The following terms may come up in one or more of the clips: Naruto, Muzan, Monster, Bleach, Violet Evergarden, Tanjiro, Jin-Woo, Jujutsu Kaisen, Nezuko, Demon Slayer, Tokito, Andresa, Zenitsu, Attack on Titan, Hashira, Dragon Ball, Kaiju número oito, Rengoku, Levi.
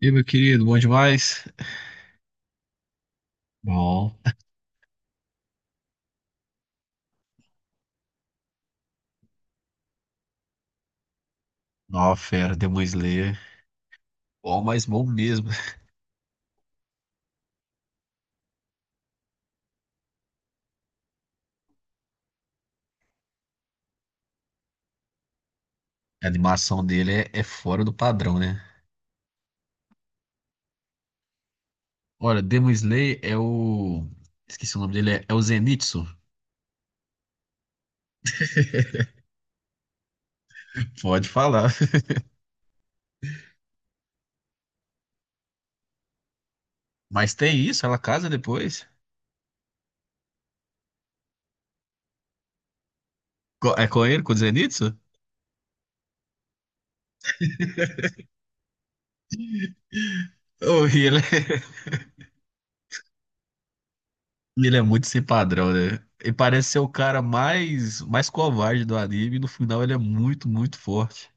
E aí, meu querido, bom demais? Bom, nova fera, Demon Slayer. Bom, mas bom mesmo. A animação dele é fora do padrão, né? Olha, Demon Slayer é o. Esqueci o nome dele, é o Zenitsu. Pode falar. Mas tem isso, ela casa depois. É com ele, com o Zenitsu? Oh, e ele é... ele é muito sem padrão, né? Ele parece ser o cara mais covarde do anime. E no final, ele é muito forte.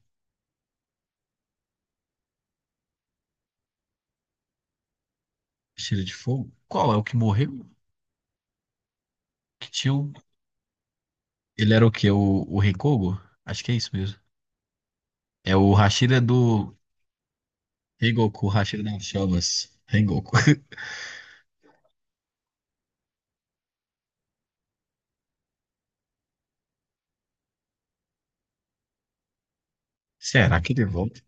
Cheiro de fogo? Qual é o que morreu? Que tinha um. Ele era o quê? O Rengoku? Acho que é isso mesmo. É o Hashira é do Rengoku, o Hashira das Chamas. Rengoku. Será que ele volta?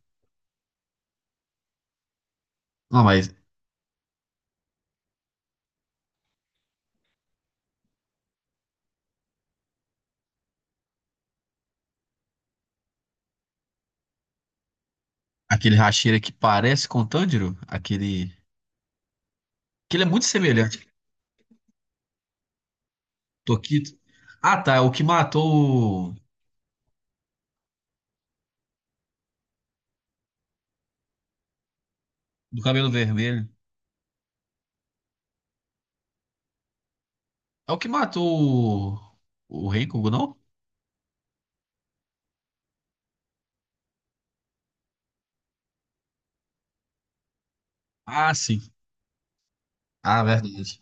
Não, mas aquele Hashira que parece com o Tanjiro, aquele. Que ele é muito semelhante ao Tokito. Ah, tá. É o que matou o. Do cabelo vermelho. É o que matou o. O Rengoku, não? Ah, sim. Ah, verdade.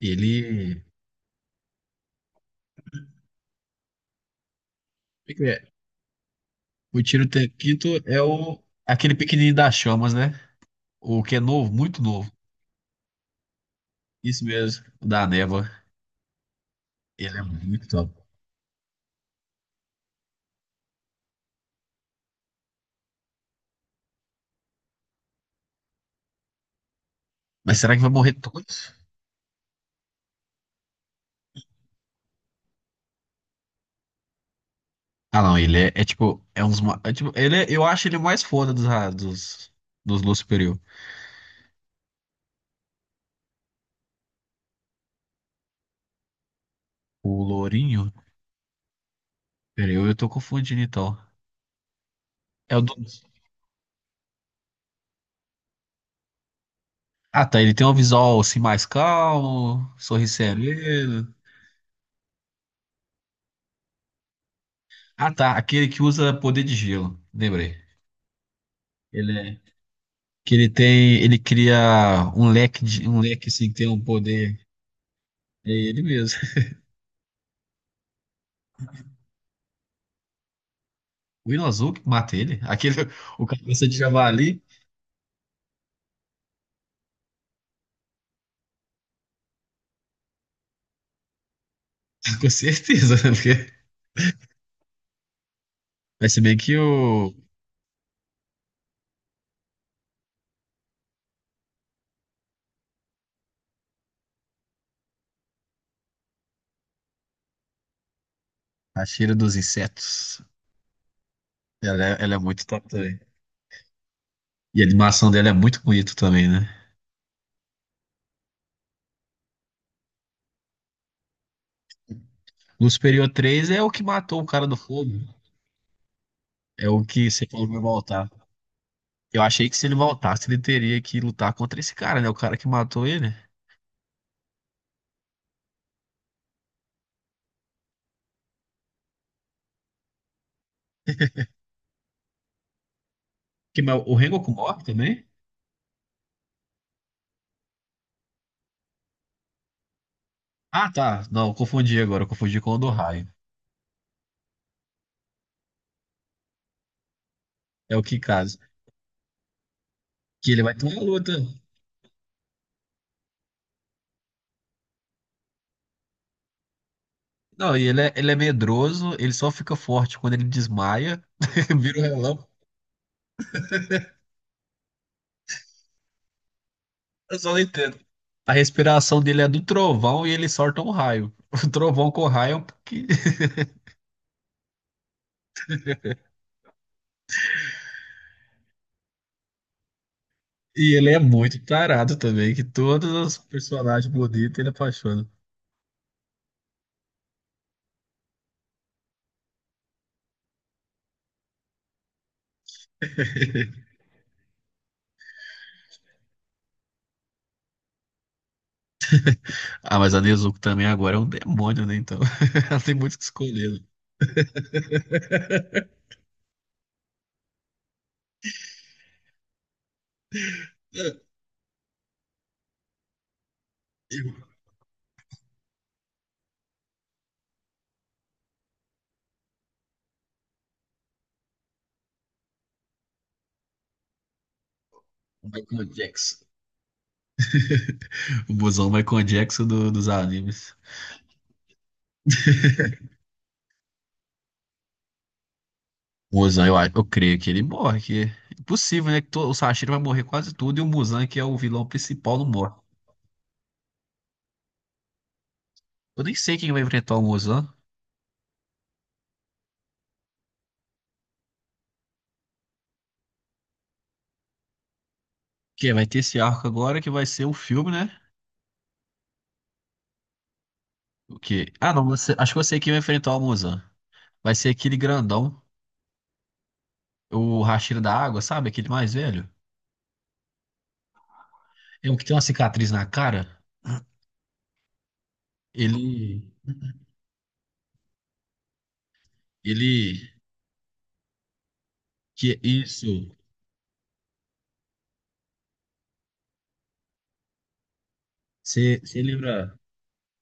Ele. Como é que é? O Tiro Tequito é o. Aquele pequenininho das chamas, né? O que é novo, muito novo. Isso mesmo, o da Neva. Ele é muito top. Mas será que vai morrer todos? Ah, não, ele é tipo, é uns. É tipo, eu acho ele o mais foda dos, dos, dos Lua Superior. O Lourinho? Peraí, eu tô confundindo então. É o do. Ah, tá, ele tem um visual assim mais calmo, sorriso sereno. Ah, tá, aquele que usa poder de gelo, lembrei. Ele é. Que ele tem. Ele cria um leque, de, um leque assim, que tem um poder. É ele mesmo. O Hilo Azul que mata ele? Aquele, o cabeça de javali? Com certeza, né? Porque vai ser bem que o, a cheira dos insetos, ela é muito top também. E a animação dela é muito bonita também, né? No Superior três é o que matou o cara do fogo. É o que você falou que vai voltar. Eu achei que se ele voltasse, ele teria que lutar contra esse cara, né? O cara que matou ele. Que, mas o Rengoku morre também? Ah, tá. Não, eu confundi agora. Eu confundi com o do Raio. É o Kikaze. Que ele vai ter uma luta. Não, e ele ele é medroso, ele só fica forte quando ele desmaia, vira um relâmpago. Eu só não entendo. A respiração dele é do trovão e ele solta um raio. O trovão com raio, porque... E ele é muito tarado também, que todos os personagens bonitos ele apaixona. Ah, mas a Nezuko também agora é um demônio, né? Então, ela tem muito o que escolher, né? E o Michael Jackson. O busão Michael Jackson dos animes. O Muzan, eu creio que ele morre. Que... é impossível, né? Que o Sashiro vai morrer quase tudo e o Muzan, que é o vilão principal, não morre. Eu nem sei quem vai enfrentar o Muzan. Que? É, vai ter esse arco agora que vai ser o filme, né? O quê? Ah, não, você... acho que eu sei quem vai enfrentar o Muzan. Vai ser aquele grandão, o Hashira da Água, sabe? Aquele mais velho. É o que tem uma cicatriz na cara. Ele. Ele. Que isso? Você lembra?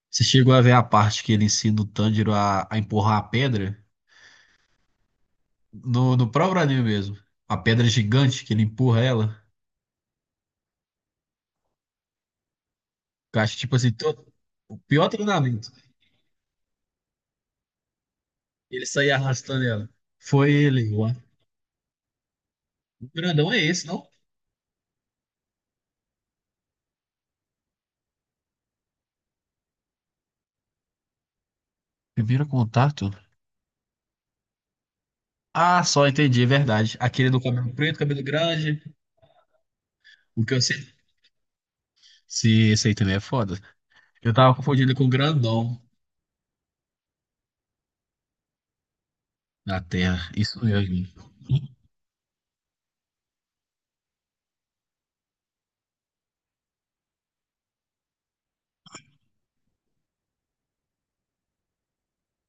Você chegou a ver a parte que ele ensina o Tanjiro a empurrar a pedra? No próprio anime mesmo. A pedra gigante que ele empurra ela. Que eu acho, tipo assim, todo, o pior treinamento. Ele sair arrastando ela. Foi ele. O grandão é esse, não? Primeiro contato? Ah, só entendi, é verdade. Aquele do cabelo preto, cabelo grande. O que eu sei. Se esse aí também é foda. Eu tava confundindo ele com o grandão da Terra. Isso mesmo.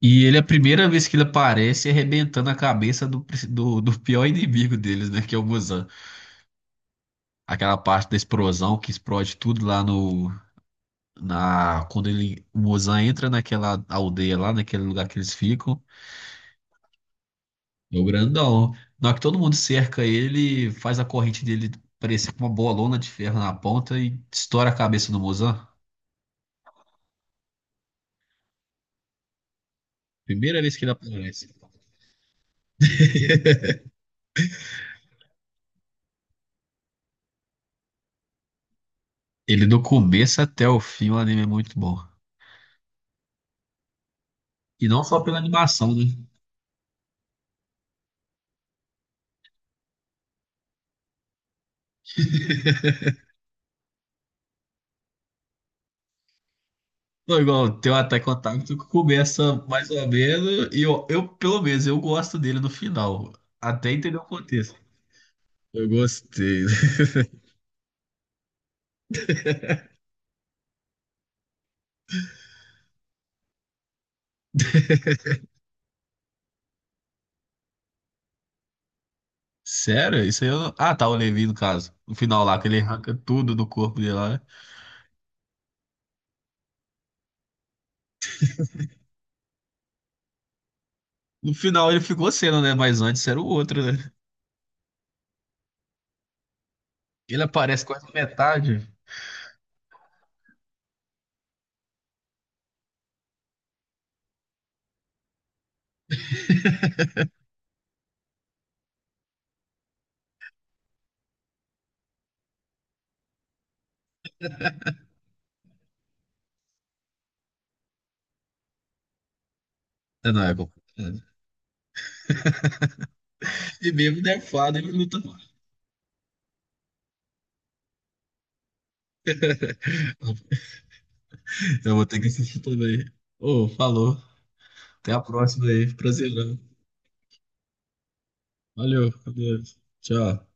E ele, a primeira vez que ele aparece, é arrebentando a cabeça do pior inimigo deles, né? Que é o Muzan. Aquela parte da explosão que explode tudo lá no, na, quando ele, o Mozan, entra naquela aldeia lá, naquele lugar que eles ficam. É o grandão, na hora que todo mundo cerca ele, faz a corrente dele parecer com uma bolona de ferro na ponta e estoura a cabeça do Mozan. Primeira vez que ele aparece. Ele, do começo até o fim, o anime é muito bom, e não só pela animação, né? Pô, igual tem o Attack on Titan que começa mais ou menos e eu pelo menos eu gosto dele no final, até entender o contexto. Eu gostei. Sério? Isso aí eu... Ah, tá, o Levi, no caso. No final lá, que ele arranca tudo do corpo dele lá, né? No final ele ficou sendo, né? Mas antes era o outro, né? Ele aparece quase na metade. É, não, é complicado. E mesmo defado, ele luta mais. Eu vou ter que assistir também. Ô, falou. Até a próxima aí. Prazerão. Valeu. Adeus. Tchau.